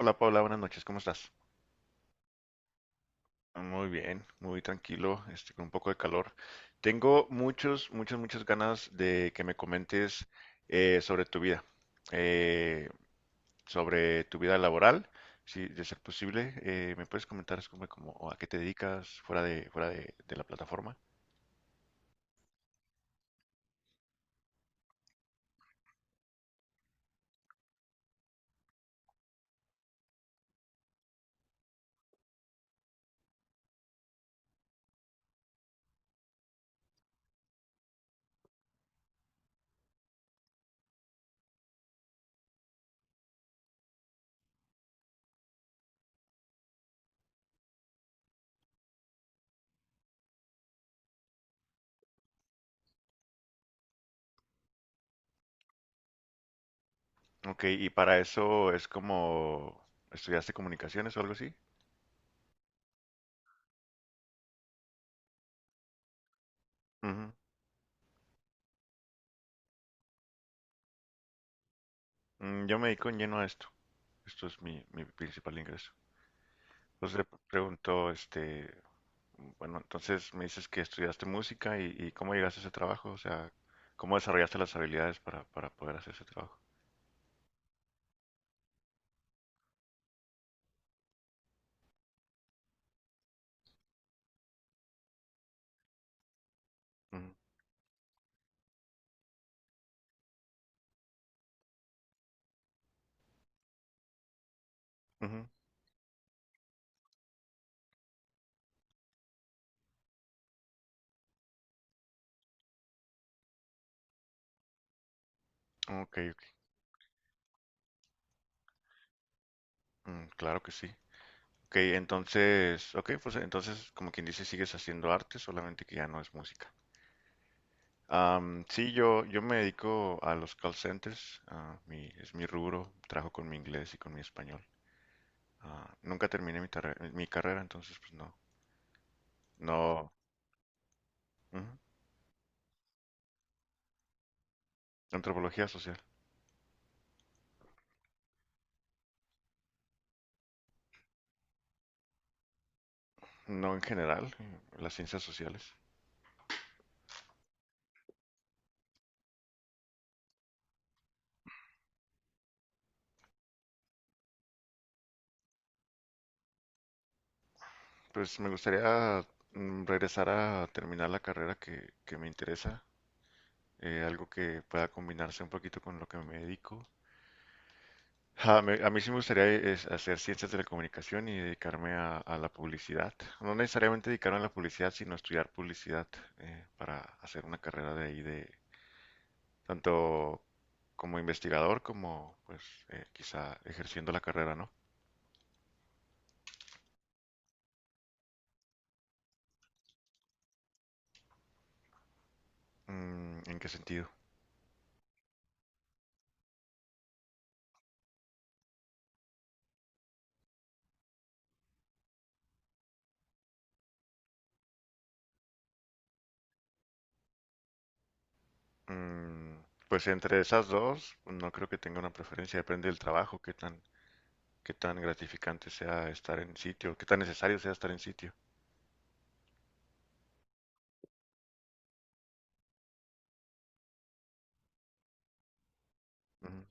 Hola Paula, buenas noches, ¿cómo estás? Muy bien, muy tranquilo, con un poco de calor. Tengo muchas ganas de que me comentes eh, sobre tu vida, eh, sobre tu vida laboral, si de ser posible, ¿me puedes comentar es como, como a qué te dedicas fuera de la plataforma? Ok, y para eso es como, ¿estudiaste comunicaciones o algo así? Ujú. Yo me dedico en lleno a esto, esto es mi principal ingreso. Entonces le pregunto, bueno, entonces me dices que estudiaste música y cómo llegaste a ese trabajo, o sea, cómo desarrollaste las habilidades para poder hacer ese trabajo. Ujú, ujú. Ok, ok. Claro que sí. Ok, entonces, ok, pues entonces, como quien dice, sigues haciendo arte, solamente que ya no es música. Sí, yo me dedico a los call centers. Ah, es mi rubro, trabajo con mi inglés y con mi español. Ah, nunca terminé mi carrera, entonces pues no, no, ujú, antropología social. No en general, las ciencias sociales. Pues me gustaría regresar a terminar la carrera que me interesa, algo que pueda combinarse un poquito con lo que me dedico. A mí sí me gustaría es hacer ciencias de la comunicación y dedicarme a la publicidad. No necesariamente dedicarme a la publicidad, sino estudiar publicidad, para hacer una carrera de ahí de tanto como investigador como pues quizá ejerciendo la carrera, ¿no? Mm, ¿en qué sentido? Mm, pues entre esas dos, no creo que tenga una preferencia, depende del trabajo, qué tan gratificante sea estar en sitio, qué tan necesario sea estar en sitio. Ujú.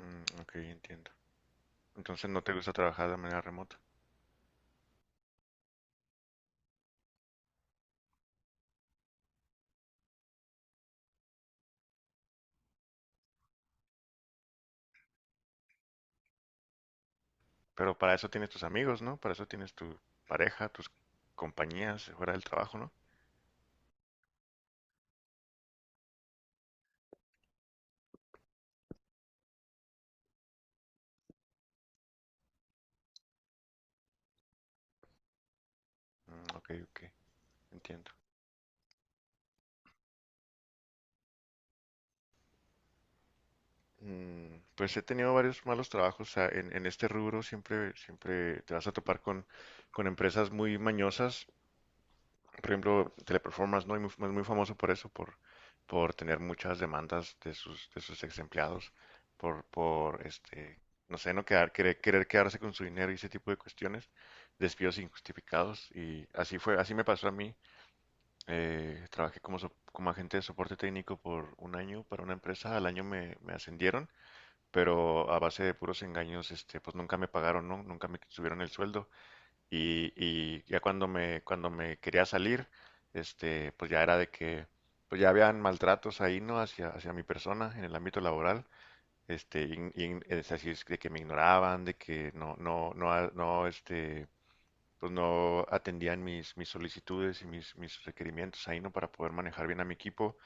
Mm, ok, entiendo. Entonces no te gusta trabajar de manera remota, pero para eso tienes tus amigos, ¿no? Para eso tienes tu pareja, tus compañías fuera del trabajo, ¿no? Mm, ok, ok, entiendo. Mm, pues he tenido varios malos trabajos, o sea, en este rubro siempre te vas a topar con empresas muy mañosas. Por ejemplo, Teleperformance, ¿no? Es muy famoso por eso, por tener muchas demandas de sus ex empleados, por, por este, no sé, no quedar, querer, querer quedarse con su dinero y ese tipo de cuestiones, despidos injustificados. Y así fue, así me pasó a mí. Trabajé como agente de soporte técnico por un año para una empresa, al año me ascendieron, pero a base de puros engaños, este, pues nunca me pagaron, ¿no? Nunca me subieron el sueldo. Y ya cuando me quería salir, este, pues ya era de que, pues ya habían maltratos ahí, ¿no? Hacia mi persona en el ámbito laboral. Este, es así, es de que me ignoraban, de que no, este, pues no atendían mis solicitudes y mis requerimientos ahí, ¿no? Para poder manejar bien a mi equipo.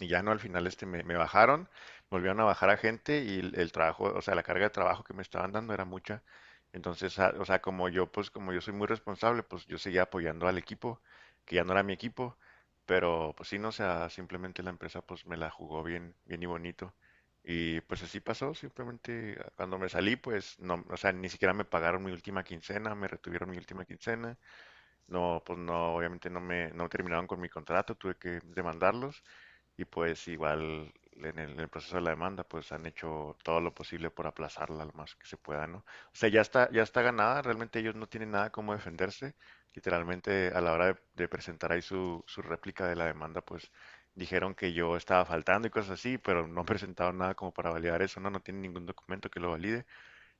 Y ya no, al final este me bajaron, volvieron a bajar a gente y el trabajo, o sea, la carga de trabajo que me estaban dando era mucha. Entonces, o sea, como yo, pues como yo soy muy responsable, pues yo seguía apoyando al equipo, que ya no era mi equipo, pero pues sí, no, o sea, simplemente la empresa pues me la jugó bien y bonito. Y pues así pasó, simplemente ah, cuando me salí, pues no, o sea, ni siquiera me pagaron mi última quincena, me retuvieron mi última quincena. No, pues no, obviamente no no terminaron con mi contrato, tuve que demandarlos y pues igual en el proceso de la demanda, pues han hecho todo lo posible por aplazarla lo más que se pueda, ¿no? O sea, ya está ganada, realmente ellos no tienen nada como defenderse. Literalmente a la hora de presentar ahí su réplica de la demanda, pues dijeron que yo estaba faltando y cosas así, pero no presentaron nada como para validar eso, ¿no? No tienen ningún documento que lo valide.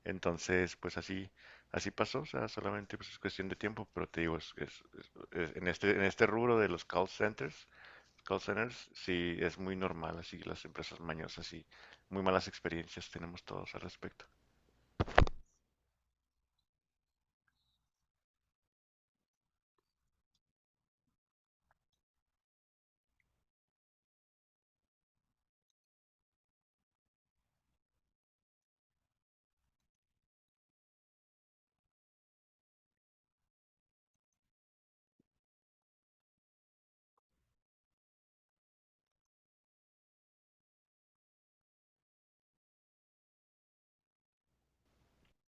Entonces, pues así, así pasó, o sea, solamente pues, es cuestión de tiempo, pero te digo, en este rubro de los call centers. Call centers, sí, es muy normal, así las empresas mañosas y muy malas experiencias tenemos todos al respecto.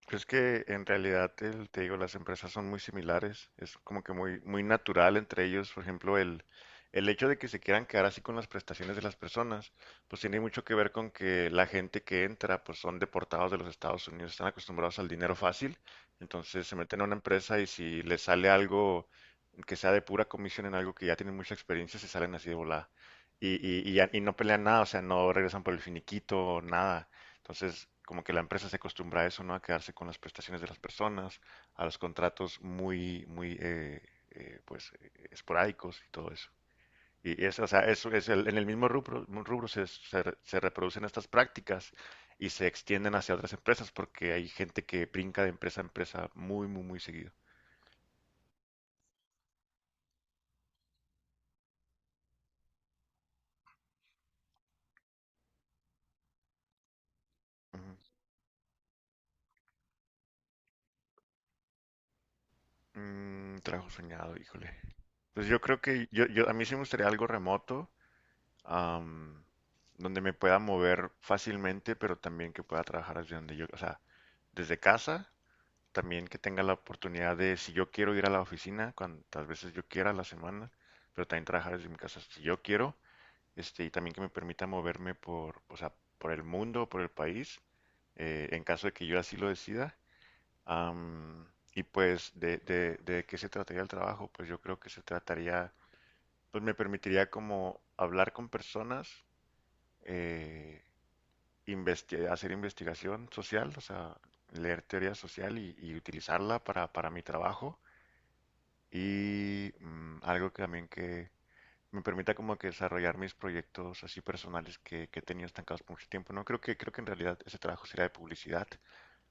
Pues que en realidad, te digo, las empresas son muy similares, es como que muy natural entre ellos, por ejemplo, el hecho de que se quieran quedar así con las prestaciones de las personas, pues tiene mucho que ver con que la gente que entra, pues son deportados de los Estados Unidos, están acostumbrados al dinero fácil, entonces se meten a una empresa y si les sale algo que sea de pura comisión en algo que ya tienen mucha experiencia, se salen así de volada. Y y no pelean nada, o sea, no regresan por el finiquito, nada. Entonces, como que la empresa se acostumbra a eso, ¿no? A quedarse con las prestaciones de las personas, a los contratos muy esporádicos y todo eso. Y es, o sea, eso es en el mismo rubro se reproducen estas prácticas y se extienden hacia otras empresas porque hay gente que brinca de empresa a empresa muy seguido. Ujú. Mm, trabajo soñado, híjole. Pues yo creo que yo, a mí sí me gustaría algo remoto. am, donde me pueda mover fácilmente, pero también que pueda trabajar desde donde yo, o sea, desde casa, también que tenga la oportunidad de, si yo quiero ir a la oficina, cuantas veces yo quiera a la semana, pero también trabajar desde mi casa si yo quiero, este, y también que me permita moverme por, o sea, por el mundo, por el país, en caso de que yo así lo decida. Am, y pues, ¿de qué se trataría el trabajo? Pues yo creo que se trataría, pues me permitiría como hablar con personas, eh, hacer investigación social, o sea, leer teoría social y utilizarla para mi trabajo. Y algo que también que me permita como que desarrollar mis proyectos así personales que he tenido estancados por mucho tiempo. No creo que, creo que en realidad ese trabajo sería de publicidad,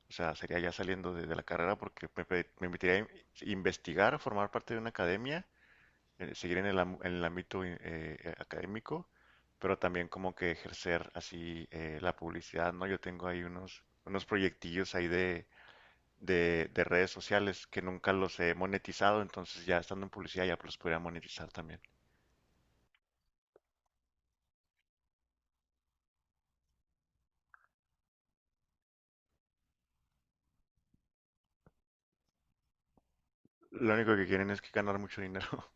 o sea, sería ya saliendo de la carrera porque me permitiría investigar, formar parte de una academia, seguir en en el ámbito académico, pero también como que ejercer así la publicidad, ¿no? Yo tengo ahí unos proyectillos ahí de redes sociales que nunca los he monetizado, entonces ya estando en publicidad ya los podría monetizar también. Lo único que quieren es que ganar mucho dinero.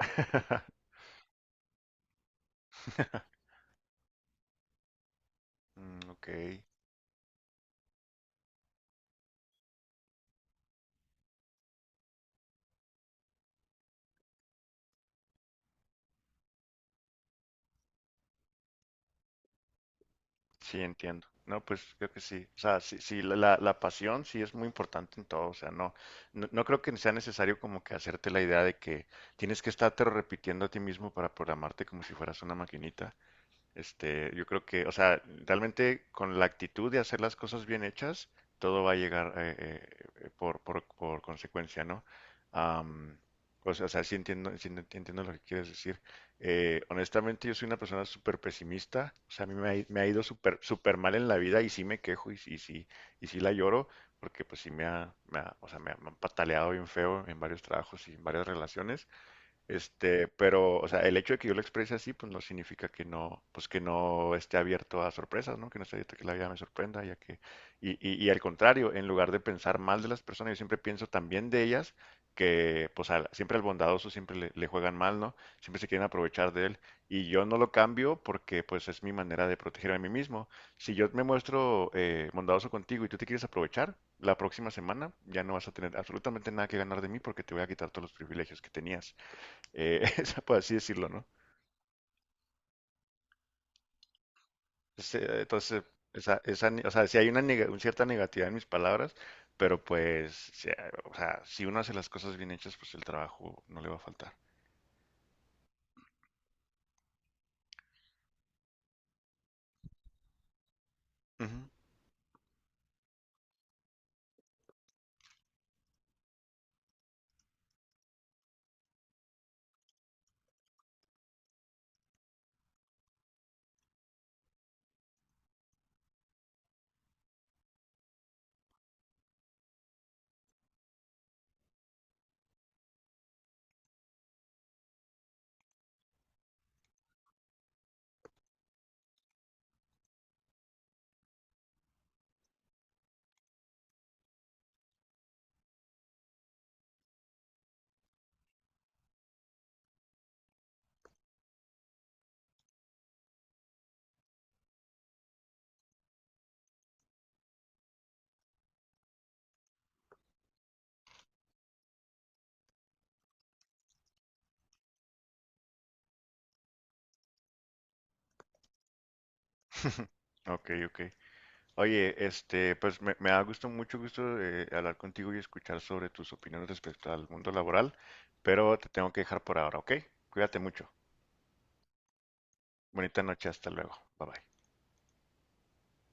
Mm, ok. Sí, entiendo. No, pues creo que sí. O sea, sí, sí, la pasión sí es muy importante en todo. O sea, no, no creo que sea necesario como que hacerte la idea de que tienes que estarte repitiendo a ti mismo para programarte como si fueras una maquinita. Este, yo creo que, o sea, realmente con la actitud de hacer las cosas bien hechas, todo va a llegar por consecuencia, ¿no? Am, o sea, sí entiendo, entiendo lo que quieres decir. Honestamente, yo soy una persona súper pesimista. O sea, a mí me ha ido súper súper mal en la vida y sí me quejo y sí, y sí la lloro porque pues sí o sea, me han pataleado bien feo en varios trabajos y en varias relaciones. Este, pero, o sea, el hecho de que yo lo exprese así, pues no significa que no, pues que no esté abierto a sorpresas, ¿no? Que no esté abierto a que la vida me sorprenda, ya que, y al contrario, en lugar de pensar mal de las personas, yo siempre pienso también de ellas, que pues siempre al bondadoso siempre le juegan mal, ¿no? Siempre se quieren aprovechar de él. Y yo no lo cambio porque pues es mi manera de proteger a mí mismo. Si yo me muestro bondadoso contigo y tú te quieres aprovechar, la próxima semana ya no vas a tener absolutamente nada que ganar de mí porque te voy a quitar todos los privilegios que tenías, eh, por así decirlo, ¿no? Entonces, o sea, si hay una, neg una cierta negatividad en mis palabras, pero pues, si, o sea, si uno hace las cosas bien hechas, pues el trabajo no le va a faltar. Ujú. Ok, ok. Oye, este, pues me ha gustado mucho gusto hablar contigo y escuchar sobre tus opiniones respecto al mundo laboral, pero te tengo que dejar por ahora, ¿ok? Cuídate mucho. Bonita noche, hasta luego. Bye bye.